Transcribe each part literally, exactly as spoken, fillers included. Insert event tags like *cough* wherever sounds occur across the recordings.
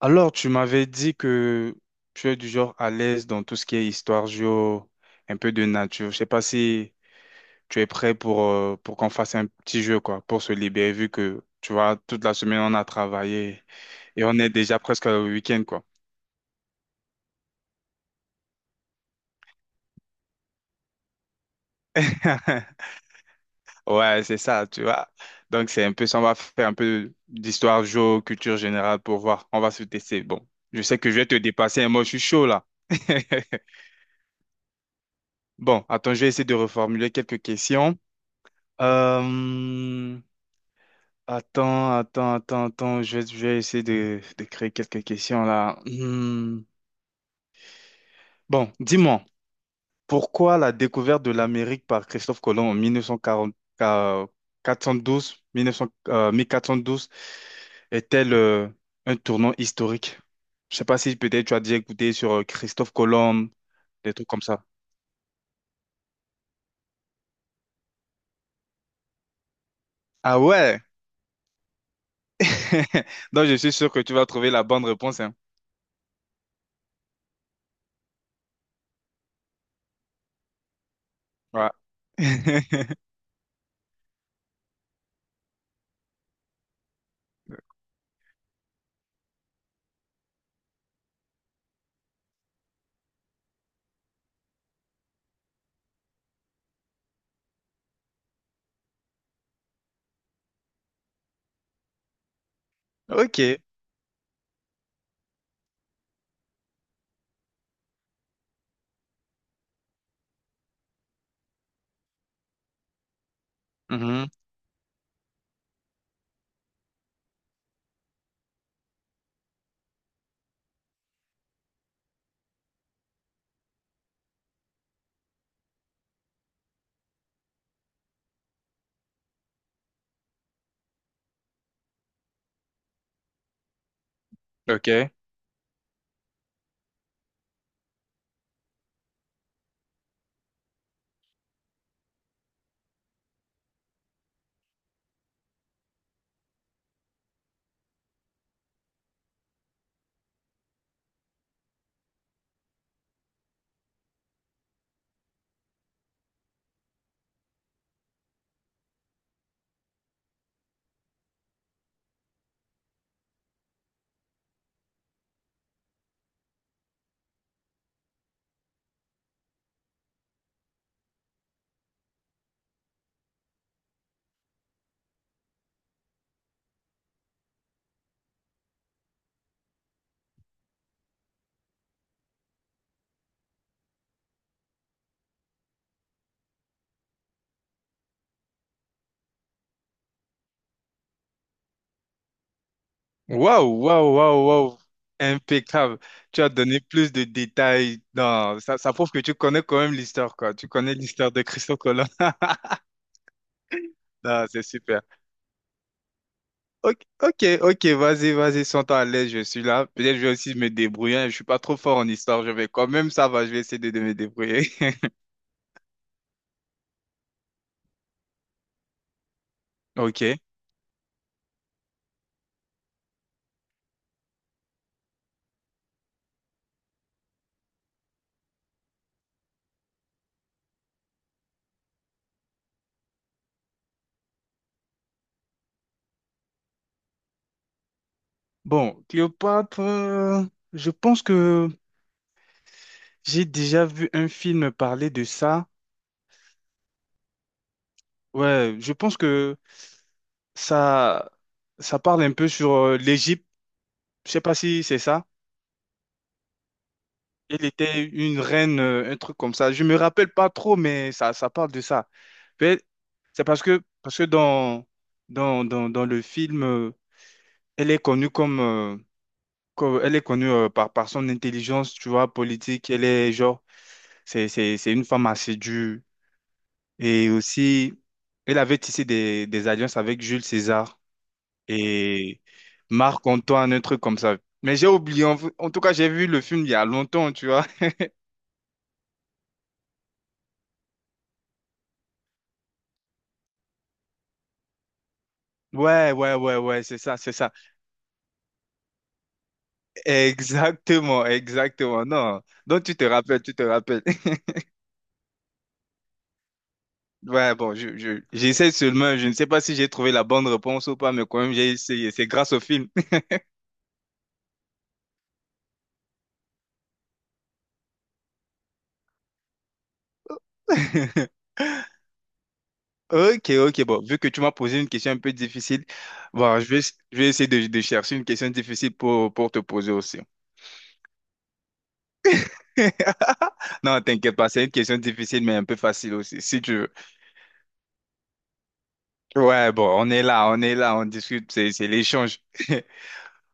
Alors, tu m'avais dit que tu es du genre à l'aise dans tout ce qui est histoire géo, un peu de nature. Je sais pas si tu es prêt pour, euh, pour qu'on fasse un petit jeu, quoi, pour se libérer, vu que, tu vois, toute la semaine, on a travaillé et on est déjà presque au week-end, quoi. *laughs* Ouais, c'est ça, tu vois. Donc, c'est un peu ça. On va faire un peu d'histoire géo, culture générale pour voir. On va se tester. Bon, je sais que je vais te dépasser, et moi, je suis chaud, là. *laughs* Bon, attends, je vais essayer de reformuler quelques questions. Euh, attends, attends, attends, attends, je vais, je vais essayer de, de créer quelques questions là. Hmm. Bon, dis-moi, pourquoi la découverte de l'Amérique par Christophe Colomb en mille neuf cent quarante, euh, quatre cent douze, mille neuf cents, euh, mille quatre cent douze est-elle euh, un tournant historique? Je sais pas si peut-être tu as déjà écouté sur euh, Christophe Colomb, des trucs comme ça. Ah ouais! *laughs* Donc je suis sûr que tu vas trouver la bonne réponse, hein. Ouais. *laughs* Ok. Mhm. Ok. Waouh, waouh, waouh, waouh. Impeccable. Tu as donné plus de détails. Non, ça, ça prouve que tu connais quand même l'histoire, quoi. Tu connais l'histoire de Christophe Colomb. *laughs* Non, c'est super. Ok, ok, ok, vas-y, vas-y, sens-toi à l'aise, je suis là. Peut-être je vais aussi me débrouiller. Hein. Je suis pas trop fort en histoire. Je vais quand même, ça va, je vais essayer de, de me débrouiller. *laughs* Ok. Bon, Cléopâtre, euh, je pense que j'ai déjà vu un film parler de ça. Ouais, je pense que Ça, ça parle un peu sur euh, l'Égypte. Je sais pas si c'est ça. Elle était une reine, euh, un truc comme ça. Je me rappelle pas trop, mais ça, ça parle de ça. Mais c'est parce que, parce que dans, dans, dans, dans le film, euh, elle est connue comme, euh, comme- elle est connue euh, par, par son intelligence, tu vois, politique. Elle est genre, c'est, c'est, c'est une femme assez dure. Et aussi, elle avait tissé des, des alliances avec Jules César. Et Marc-Antoine, un truc comme ça. Mais j'ai oublié, en en tout cas, j'ai vu le film il y a longtemps, tu vois. *laughs* Ouais, ouais, ouais, ouais, c'est ça, c'est ça. Exactement, exactement. Non, donc tu te rappelles, tu te rappelles. *laughs* Ouais, bon, je, je, j'essaie seulement, je ne sais pas si j'ai trouvé la bonne réponse ou pas, mais quand même, j'ai essayé. C'est grâce au film. *laughs* Ok, ok, bon, vu que tu m'as posé une question un peu difficile, bon, je vais, je vais essayer de, de chercher une question difficile pour, pour te poser aussi. *laughs* Non, t'inquiète pas, c'est une question difficile, mais un peu facile aussi, si tu veux. Ouais, bon, on est là, on est là, on discute, c'est, c'est l'échange. *laughs*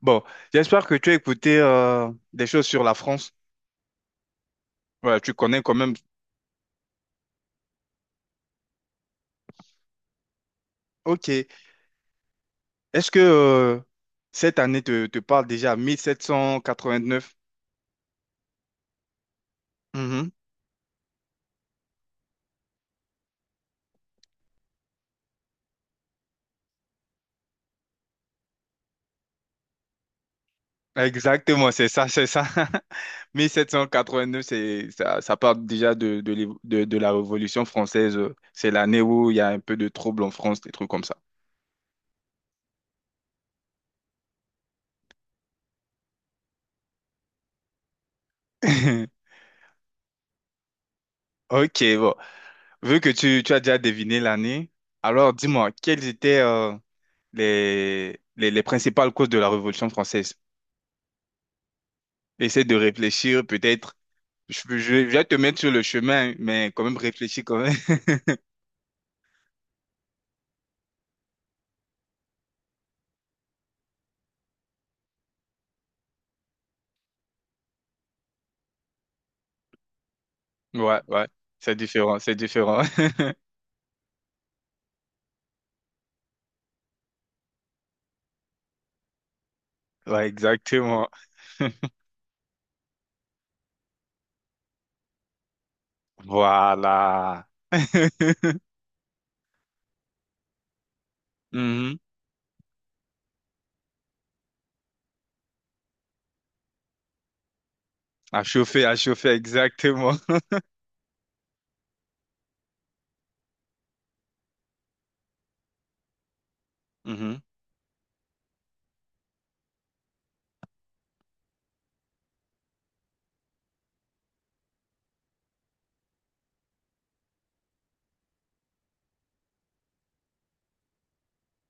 Bon, j'espère que tu as écouté euh, des choses sur la France. Ouais, tu connais quand même. Ok. Est-ce que euh, cette année te, te parle déjà mille sept cent quatre-vingt-neuf? Mhm. Exactement, c'est ça, c'est ça. *laughs* mille sept cent quatre-vingt-neuf, c'est, ça, ça parle déjà de, de, l'évo- de- de la Révolution française. C'est l'année où il y a un peu de troubles en France, des trucs comme ça. *laughs* Ok, bon. Vu que tu, tu as déjà deviné l'année, alors dis-moi, quelles étaient euh, les, les, les principales causes de la Révolution française? Essaie de réfléchir, peut-être. Je, je- je vais te mettre sur le chemin, mais quand même réfléchis quand même. *laughs* Ouais, ouais, c'est différent, c'est différent. *laughs* Ouais, exactement. Voilà. *laughs* Mhm. À chauffer, à chauffer, exactement. *laughs* Mhm.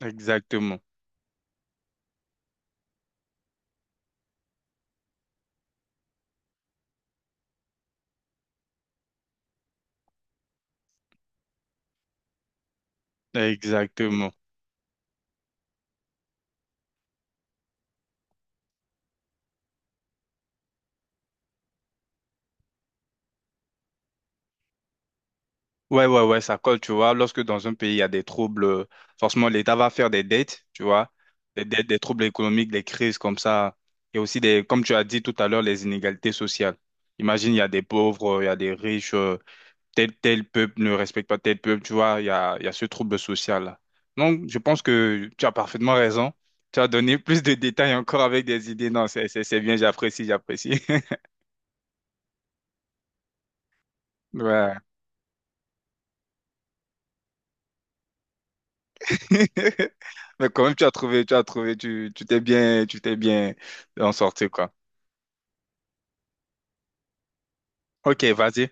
Exactement, exactement. Ouais, ouais, ouais, ça colle, tu vois. Lorsque dans un pays, il y a des troubles, euh, forcément, l'État va faire des dettes, tu vois. Des dettes, des troubles économiques, des crises comme ça. Et aussi, des, comme tu as dit tout à l'heure, les inégalités sociales. Imagine, il y a des pauvres, euh, il y a des riches, euh, tel, tel peuple ne respecte pas tel peuple, tu vois. Il y a, il y a ce trouble social-là. Donc, je pense que tu as parfaitement raison. Tu as donné *laughs* plus de détails encore avec des idées. Non, c'est, c'est c'est bien, j'apprécie, j'apprécie. *laughs* Ouais. *laughs* Mais quand même, tu as trouvé, tu as trouvé, tu, tu t'es bien, tu t'es bien en sorti, quoi. Ok, vas-y.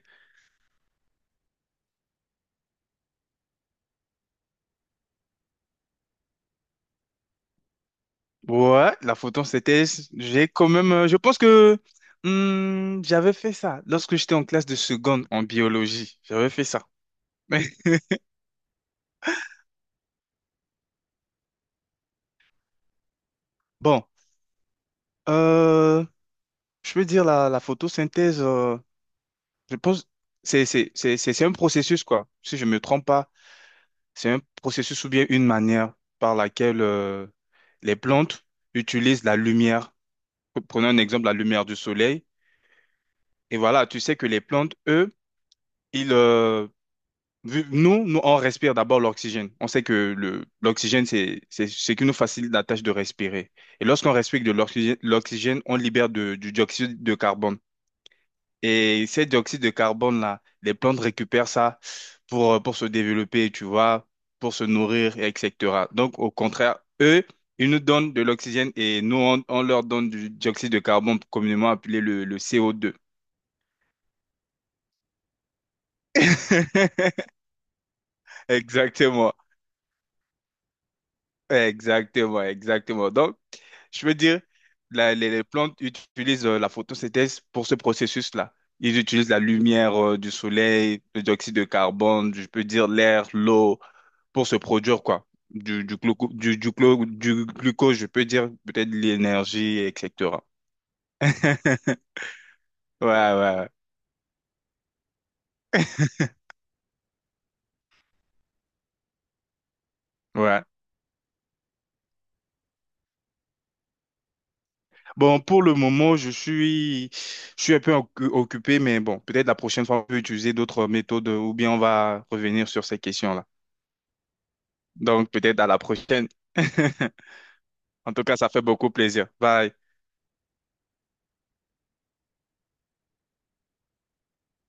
Ouais, la photo, c'était, j'ai quand même, euh, je pense que hmm, j'avais fait ça lorsque j'étais en classe de seconde en biologie. J'avais fait ça. Mais *laughs* bon, euh, je peux dire la, la photosynthèse, euh, je pense, c'est, c'est, c'est, c'est c'est un processus, quoi. Si je ne me trompe pas, c'est un processus ou bien une manière par laquelle euh, les plantes utilisent la lumière. Prenons un exemple, la lumière du soleil. Et voilà, tu sais que les plantes, eux, ils, euh, vu- nous, nous, on respire d'abord l'oxygène. On sait que le, l'oxygène, c'est, c'est ce qui nous facilite la tâche de respirer. Et lorsqu'on respire de l'oxygène, l'oxygène, on libère de- du dioxyde de carbone. Et ces dioxyde de carbone-là, les plantes récupèrent ça pour, euh, pour se développer, tu vois, pour se nourrir, et etc. Donc, au contraire, eux, ils nous donnent de l'oxygène et nous, on, on leur donne du dioxyde de carbone, communément appelé le, le co deux. *laughs* Exactement, exactement, exactement. Donc, je veux dire, la- les, les plantes utilisent euh, la photosynthèse pour ce processus-là. Ils utilisent la lumière euh, du soleil, le dioxyde de carbone, je peux dire l'air, l'eau, pour se produire quoi. Du, du, gluco- du, du, glo- du glucose, je peux dire peut-être l'énergie, et cetera *laughs* Ouais, ouais, ouais. Ouais. Bon, pour le moment, je suis, je suis un peu occu- occupé, mais bon, peut-être la prochaine fois, on peut utiliser d'autres méthodes euh, ou bien on va revenir sur ces questions-là. Donc, peut-être à la prochaine. *laughs* En tout cas, ça fait beaucoup plaisir. Bye.